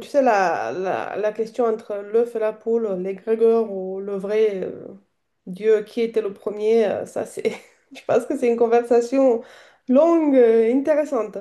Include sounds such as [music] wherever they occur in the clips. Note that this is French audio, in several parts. Tu sais, la question entre l'œuf et la poule, l'égrégore ou le vrai Dieu, qui était le premier, [laughs] je pense que c'est une conversation longue et intéressante.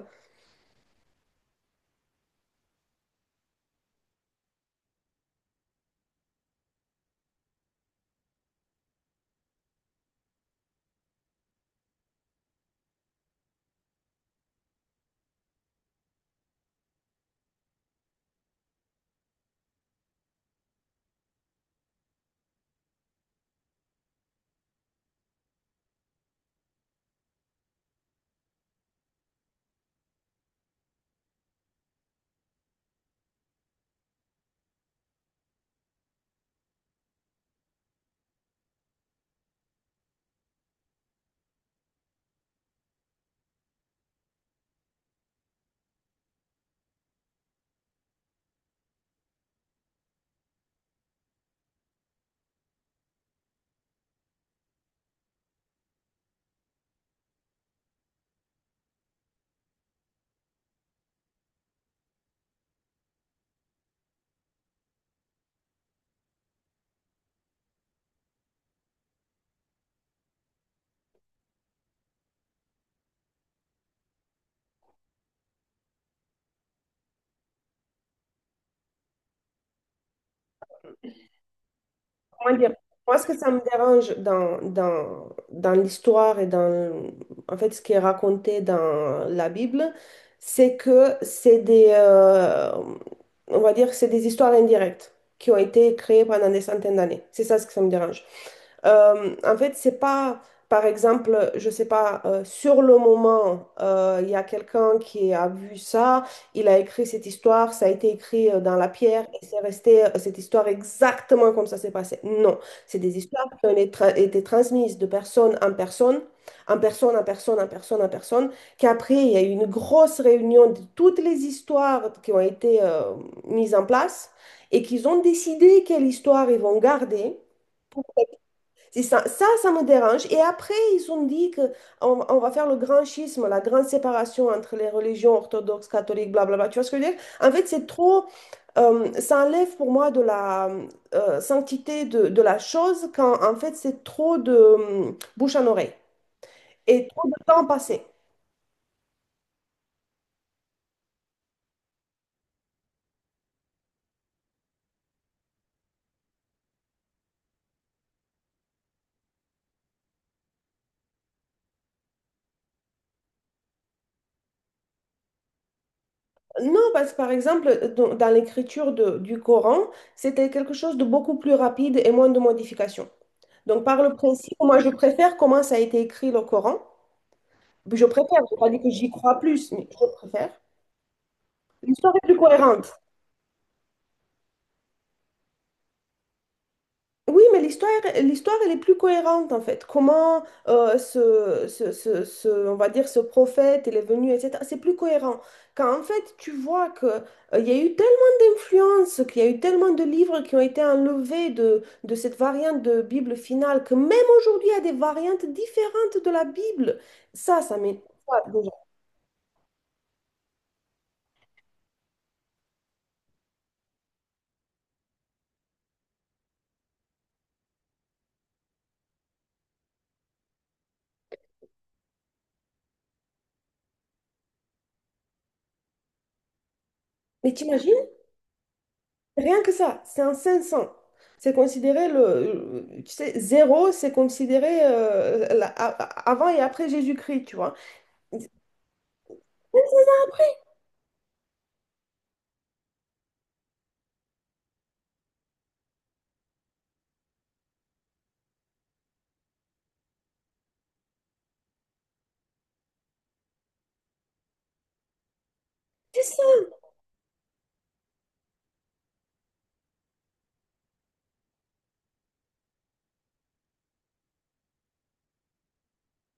Comment dire? Moi, ce que ça me dérange dans l'histoire et en fait, ce qui est raconté dans la Bible, c'est que on va dire, que c'est des histoires indirectes qui ont été créées pendant des centaines d'années. C'est ça ce que ça me dérange. En fait, c'est pas, par exemple, je sais pas, sur le moment, il y a quelqu'un qui a vu ça, il a écrit cette histoire, ça a été écrit dans la pierre et c'est resté cette histoire exactement comme ça s'est passé. Non, c'est des histoires qui ont été transmises de personne en personne. En personne, en personne, en personne, en personne, qu'après, il y a eu une grosse réunion de toutes les histoires qui ont été mises en place et qu'ils ont décidé quelle histoire ils vont garder. C'est ça, me dérange. Et après, ils ont dit que on va faire le grand schisme, la grande séparation entre les religions orthodoxes, catholiques, blablabla. Tu vois ce que je veux dire? En fait, c'est trop. Ça enlève pour moi de la sanctité de la chose quand, en fait, c'est trop de bouche en oreille et trop de temps passé. Non, parce que par exemple, dans l'écriture du Coran, c'était quelque chose de beaucoup plus rapide et moins de modifications. Donc, par le principe, moi, je préfère comment ça a été écrit le Coran. Je préfère, je n'ai pas dit que j'y crois plus, mais je préfère. L'histoire est plus cohérente. Oui, mais l'histoire, elle est plus cohérente en fait. Comment on va dire, ce prophète, il est venu, etc. C'est plus cohérent. Quand en fait, tu vois que il y a eu tellement d'influences, qu'il y a eu tellement de livres qui ont été enlevés de cette variante de Bible finale, que même aujourd'hui, il y a des variantes différentes de la Bible. Ça m'étonne. Mais t'imagines? Rien que ça, c'est un 500. C'est considéré tu sais, zéro, c'est considéré avant et après Jésus-Christ, tu vois. Mais c'est ça, après. C'est ça.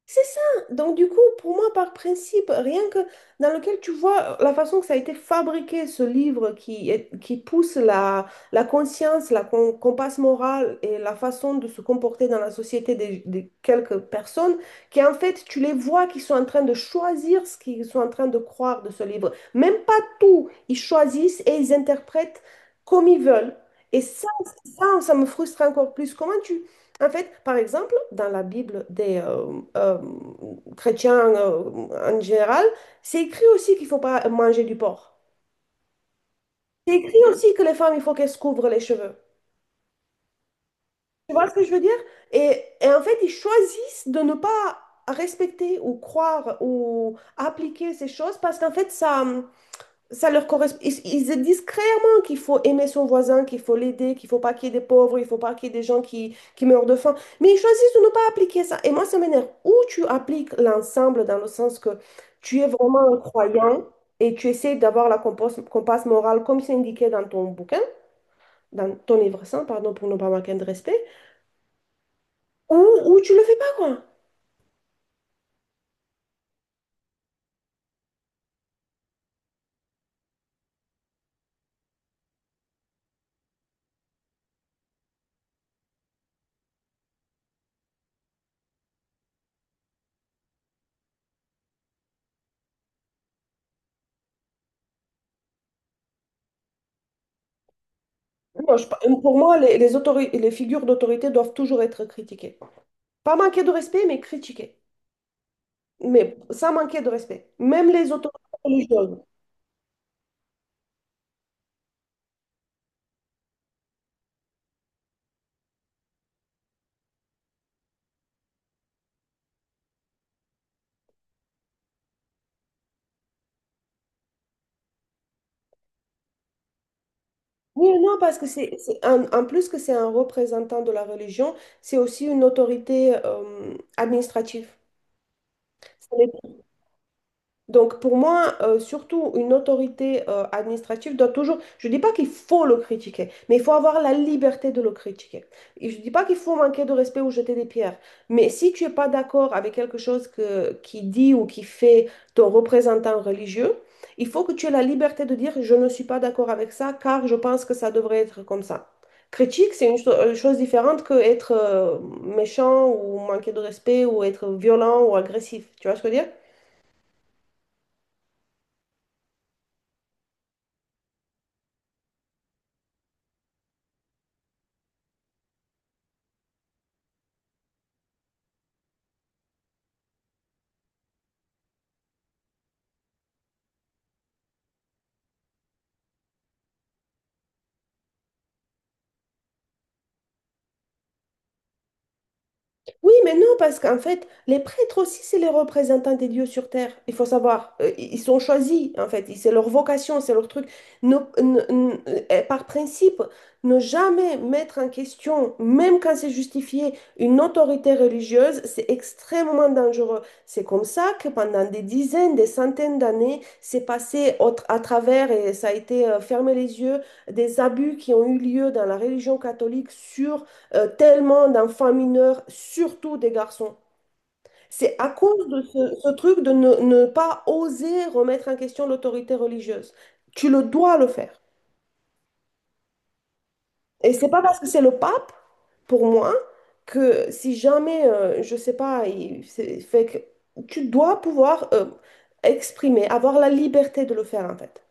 C'est ça. Donc, du coup, pour moi, par principe, rien que dans lequel tu vois la façon que ça a été fabriqué, ce livre qui pousse la, la conscience, la compasse morale et la façon de se comporter dans la société des quelques personnes, qui en fait, tu les vois qui sont en train de choisir ce qu'ils sont en train de croire de ce livre. Même pas tout, ils choisissent et ils interprètent comme ils veulent. Et ça, me frustre encore plus. Comment tu. En fait, par exemple, dans la Bible des chrétiens en général, c'est écrit aussi qu'il ne faut pas manger du porc. C'est écrit aussi que les femmes, il faut qu'elles se couvrent les cheveux. Tu vois ce que je veux dire? Et en fait, ils choisissent de ne pas respecter ou croire ou appliquer ces choses parce qu'en fait, ça leur correspond. Ils disent clairement qu'il faut aimer son voisin, qu'il faut l'aider, qu'il faut pas qu'il y ait des pauvres, il faut pas qu'il y ait des gens qui meurent de faim. Mais ils choisissent de ne pas appliquer ça. Et moi, ça m'énerve. Ou tu appliques l'ensemble dans le sens que tu es vraiment un croyant et tu essaies d'avoir la compasse morale comme c'est indiqué dans ton bouquin, dans ton livre saint, pardon, pour ne pas manquer de respect, ou tu le fais pas, quoi. Moi, pour moi, les figures d'autorité doivent toujours être critiquées. Pas manquer de respect, mais critiquées. Mais ça manquait de respect. Même les autorités religieuses. Oui, non, parce que en plus que c'est un représentant de la religion, c'est aussi une autorité administrative. Donc pour moi, surtout une autorité administrative doit toujours, je ne dis pas qu'il faut le critiquer, mais il faut avoir la liberté de le critiquer. Et je ne dis pas qu'il faut manquer de respect ou jeter des pierres, mais si tu n'es pas d'accord avec quelque chose qui dit ou qui fait ton représentant religieux, il faut que tu aies la liberté de dire je ne suis pas d'accord avec ça car je pense que ça devrait être comme ça. Critique, c'est une chose différente que être méchant ou manquer de respect ou être violent ou agressif. Tu vois ce que je veux dire? Oui, mais non, parce qu'en fait, les prêtres aussi, c'est les représentants des dieux sur terre. Il faut savoir. Ils sont choisis, en fait. C'est leur vocation, c'est leur truc. Ne- ne- ne- par principe, ne jamais mettre en question, même quand c'est justifié, une autorité religieuse, c'est extrêmement dangereux. C'est comme ça que pendant des dizaines, des centaines d'années, c'est passé à travers et ça a été fermé les yeux des abus qui ont eu lieu dans la religion catholique sur tellement d'enfants mineurs, surtout des garçons. C'est à cause de ce truc de ne pas oser remettre en question l'autorité religieuse. Tu le dois le faire. Et c'est pas parce que c'est le pape, pour moi, que si jamais, je sais pas, fait que tu dois pouvoir exprimer, avoir la liberté de le faire en fait.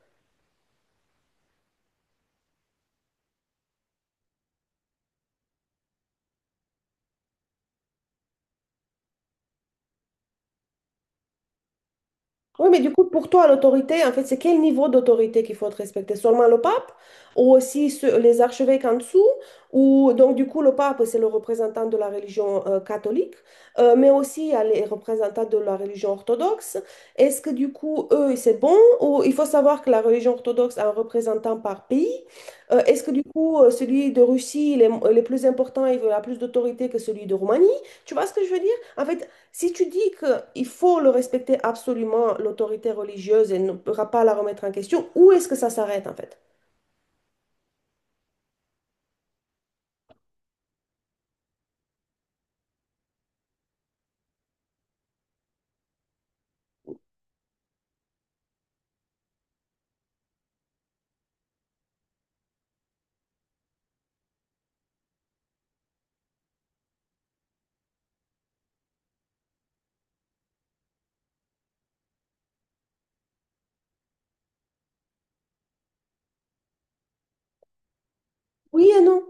Oui, mais du coup, pour toi, l'autorité, en fait, c'est quel niveau d'autorité qu'il faut respecter? Seulement le pape ou aussi les archevêques en dessous? Ou donc, du coup, le pape, c'est le représentant de la religion catholique, mais aussi il y a les représentants de la religion orthodoxe. Est-ce que du coup, eux, c'est bon? Ou il faut savoir que la religion orthodoxe a un représentant par pays. Est-ce que du coup, celui de Russie, il est plus important, il a plus d'autorité que celui de Roumanie? Tu vois ce que je veux dire? En fait, si tu dis qu'il faut le respecter absolument, l'autorité religieuse, et ne pourra pas la remettre en question, où est-ce que ça s'arrête en fait? Oui et non.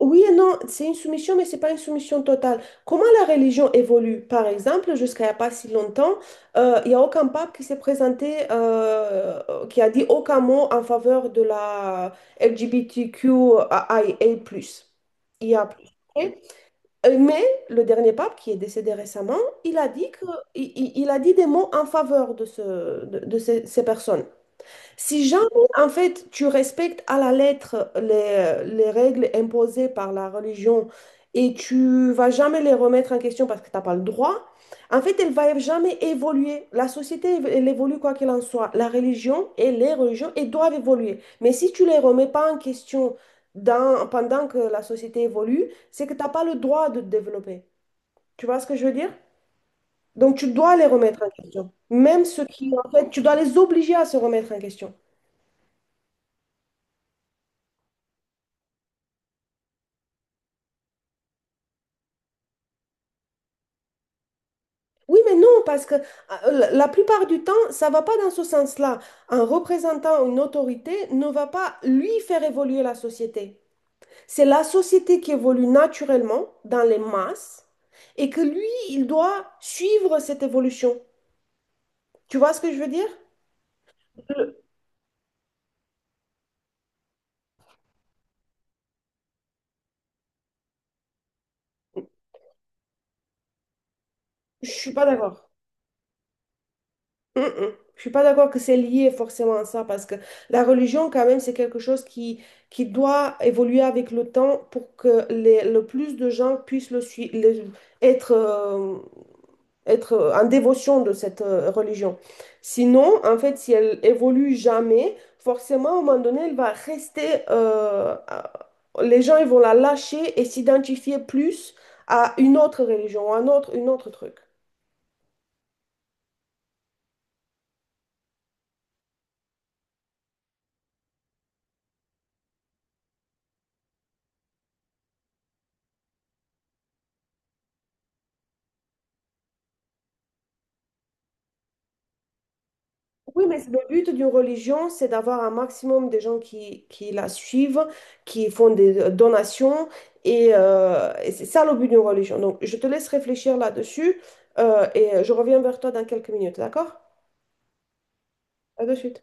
Oui et non, c'est une soumission, mais c'est pas une soumission totale. Comment la religion évolue? Par exemple, jusqu'à il n'y a pas si longtemps, il n'y a aucun pape qui s'est présenté, qui a dit aucun mot en faveur de la LGBTQIA+. I A plus. Mais le dernier pape, qui est décédé récemment, il a dit il a dit des mots en faveur de ces personnes. Si jamais, en fait, tu respectes à la lettre les règles imposées par la religion et tu vas jamais les remettre en question parce que tu n'as pas le droit, en fait, elle va jamais évoluer. La société, elle évolue quoi qu'il en soit. La religion et les religions, elles doivent évoluer. Mais si tu les remets pas en question pendant que la société évolue, c'est que tu n'as pas le droit de te développer. Tu vois ce que je veux dire? Donc, tu dois les remettre en question. Même ceux qui, en fait, tu dois les obliger à se remettre en question. Oui, mais non, parce que la plupart du temps, ça va pas dans ce sens-là. Un représentant, une autorité ne va pas lui faire évoluer la société. C'est la société qui évolue naturellement dans les masses et que lui, il doit suivre cette évolution. Tu vois ce que je veux dire? Je je suis pas d'accord. Mm, mm. Je suis pas d'accord que c'est lié forcément à ça parce que la religion quand même c'est quelque chose qui doit évoluer avec le temps pour que le plus de gens puissent le, sui- le- être, être en dévotion de cette religion. Sinon, en fait, si elle évolue jamais, forcément à un moment donné, elle va rester. Les gens ils vont la lâcher et s'identifier plus à une autre religion, à un autre, une autre truc. Oui, mais c'est le but d'une religion, c'est d'avoir un maximum de gens qui la suivent, qui font des donations, et c'est ça le but d'une religion. Donc, je te laisse réfléchir là-dessus, et je reviens vers toi dans quelques minutes, d'accord? À de suite.